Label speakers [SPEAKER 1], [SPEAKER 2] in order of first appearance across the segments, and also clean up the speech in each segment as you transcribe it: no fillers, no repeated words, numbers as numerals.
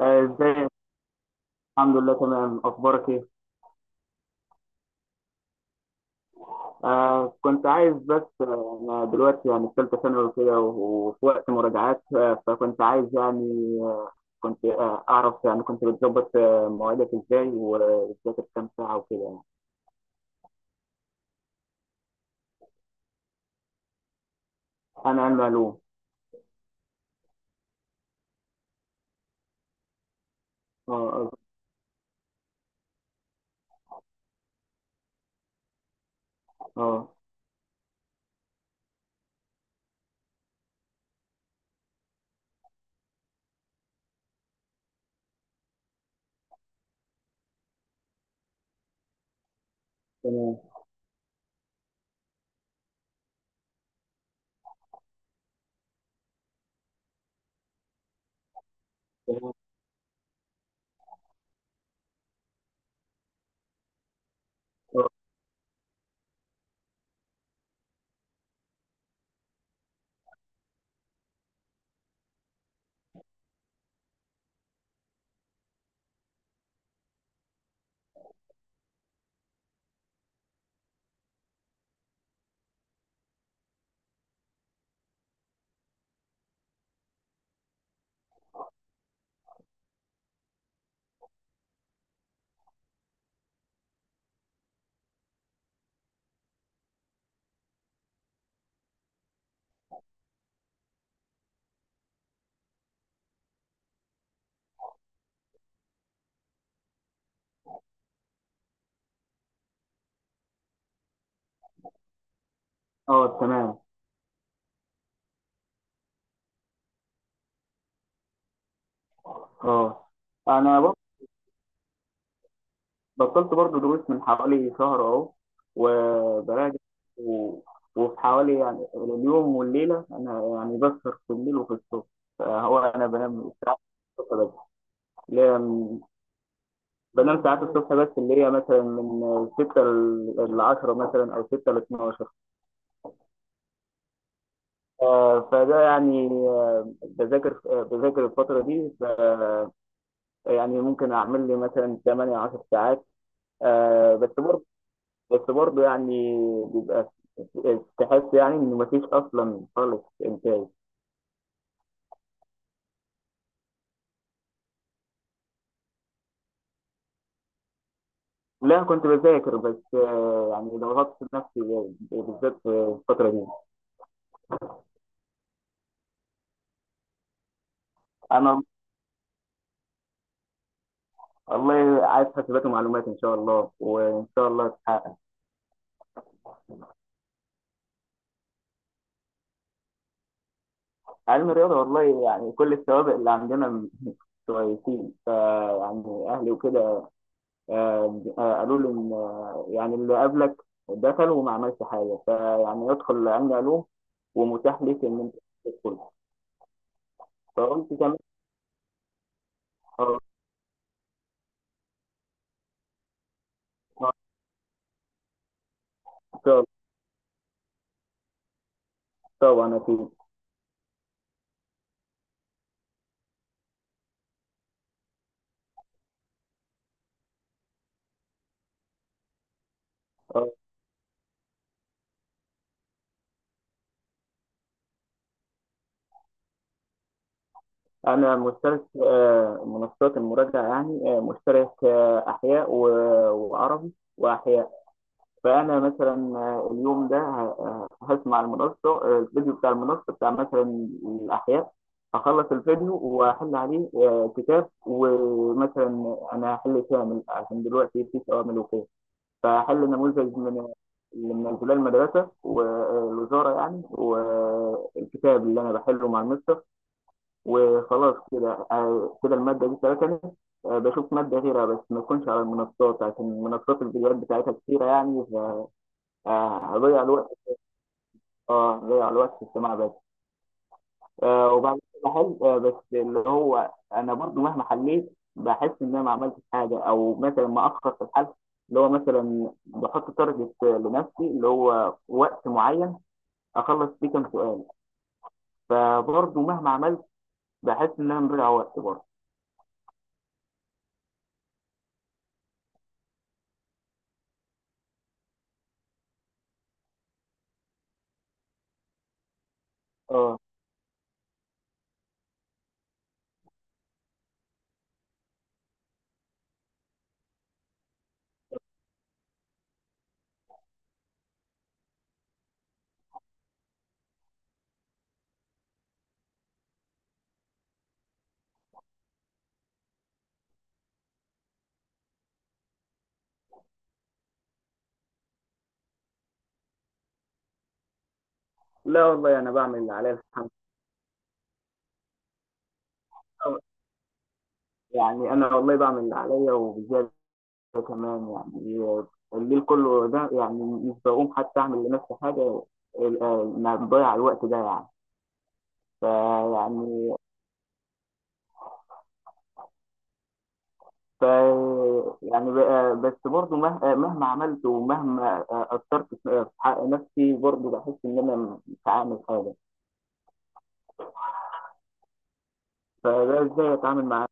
[SPEAKER 1] آه، ازيك؟ الحمد لله، تمام. اخبارك ايه؟ كنت عايز بس، انا دلوقتي يعني في ثالثه ثانوي وكده، وفي وقت مراجعات، فكنت عايز يعني. آه كنت اعرف، يعني كنت بتظبط، مواعيدك ازاي، وبتذاكر كام ساعه وكده يعني؟ انا علم علوم. اه، اه. آه. تمام، تمام. اه. آه. تمام. اه. انا بطلت برضو دروس من حوالي شهر اهو، وبراجع. و... وفي حوالي يعني اليوم والليله، انا يعني بسهر في الليل وفي الصبح. فهو انا الصبح بس اللي هي من- بنام ساعات الصبح بس اللي هي مثلا من 6 ل 10، مثلا او 6 ل 12. فده يعني، بذاكر الفتره دي، يعني ممكن اعمل لي مثلا 8 10 ساعات. آه، بس بس برضه، يعني بيبقى تحس يعني إن مفيش أصلا خالص إنتاج. لا، كنت بذاكر بس، يعني ضغطت نفسي، بالذات في الفترة دي. أنا والله عايز حاسبات ومعلومات إن شاء الله، وإن شاء الله تتحقق. علم الرياضة، والله يعني كل السوابق اللي عندنا كويسين، فيعني أهلي وكده. قالوا لي إن، يعني اللي قبلك دخل وما عملش حاجة، فيعني ادخل علم علوم، ومتاح ليك إن أنت تدخل، فقلت تمام. آه، آه، طب- طبعا أكيد. آه، أنا مشترك في، منصات المراجعة، يعني، مشترك، أحياء، وعربي، وأحياء. فأنا مثلا، اليوم ده، هسمع المنصة، الفيديو بتاع المنصة بتاع مثلا الأحياء. هخلص الفيديو وأحل عليه، كتاب. ومثلا أنا هحل كامل عشان دلوقتي في أوامر وكده، فحلوا نموذج من انزلاق المدرسه والوزاره، يعني والكتاب اللي انا بحله مع المستر. وخلاص كده، الماده دي فاتني. بشوف ماده غيرها، بس ما تكونش على المنصات، عشان منصات الفيديوهات بتاعتها كتيره يعني، فهضيع الوقت اه هضيع الوقت في السماع بس. وبعد كده بحل، بس اللي هو انا برضو مهما حليت بحس ان انا ما عملتش حاجه، او مثلا ما اخر في الحل. اللي هو مثلا بحط تارجت لنفسي، اللي هو وقت معين اخلص فيه كام سؤال. فبرضو مهما عملت بحس ان انا مضيع وقت برضو. اه، لا والله، انا بعمل اللي عليا، الحمد لله. يعني انا والله بعمل اللي عليا وبزياده كمان يعني. الليل كله ده، يعني مش بقوم حتى اعمل لنفسي حاجه. انا مضيع الوقت ده يعني. فيعني، ف يعني ب- آه، بس برضه، مهما عملت، ومهما، أثرت في، حق نفسي، برضه بحس إن أنا مش عامل حاجة. فده إزاي أتعامل معاه؟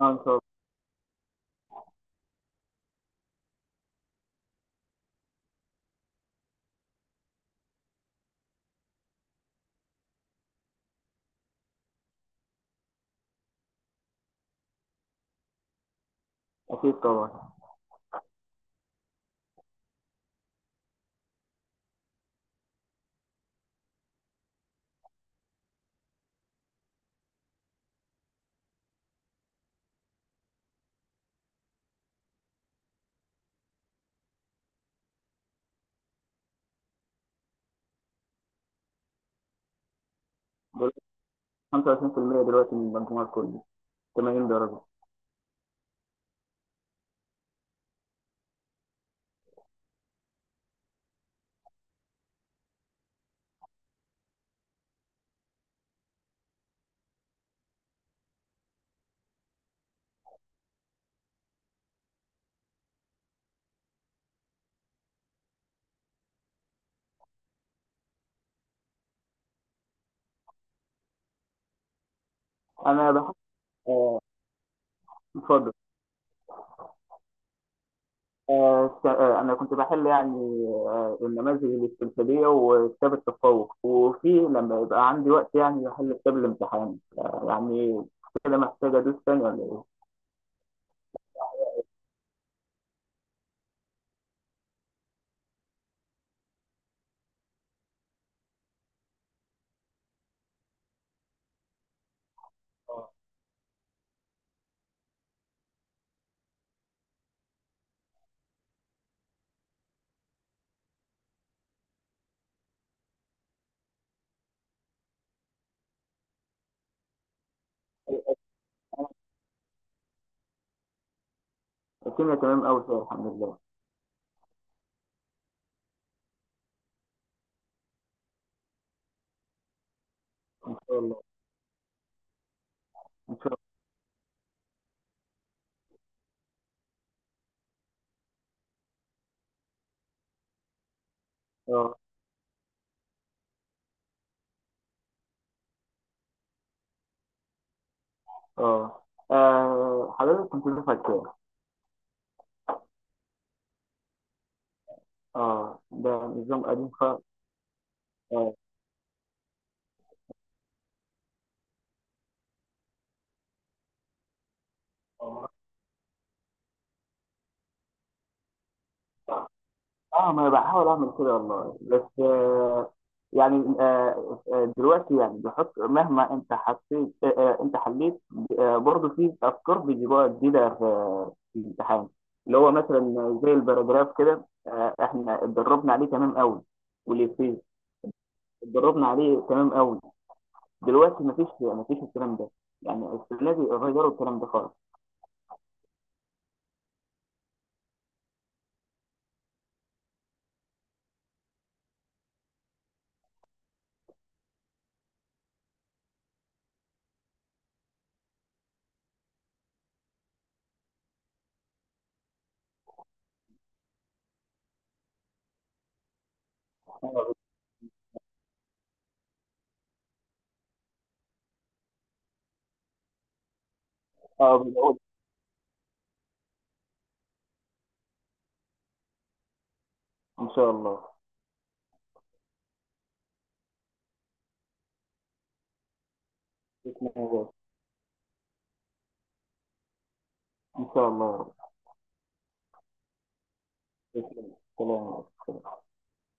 [SPEAKER 1] آه، إن شاء الله. أكيد طبعا. دلوقتي 25%، دلوقتي من المجموع كله 80 درجة. أنا بحب، آه، اتفضل. أنا كنت بحل يعني، النماذج الاستمثالية وكتاب التفوق. وفي لما يبقى عندي وقت يعني، بحل كتاب الامتحان، يعني كده محتاج أدوس تاني، ولا إيه؟ الكيمياء تمام قوي فيها، الحمد لله. ان شاء الله، ان شاء الله. اه، اه. حضرتك كنت دفعة كام؟ اه، ده نظام قديم اه، اه ما انا بحاول اعمل كده والله، بس يعني، دلوقتي يعني بحط مهما انت حطيت، انت حليت. برضه في افكار بيجيبوها جديده في الامتحان. اللي هو مثلا زي الباراجراف كده، احنا اتدربنا عليه تمام قوي. والإفيه اتدربنا عليه تمام قوي. دلوقتي مفيش الكلام ده. يعني السنه دي غيروا الكلام ده خالص. اه، بقول ان شاء الله، بإذن الله. ان شاء الله، بإذن الله. سلام عليكم.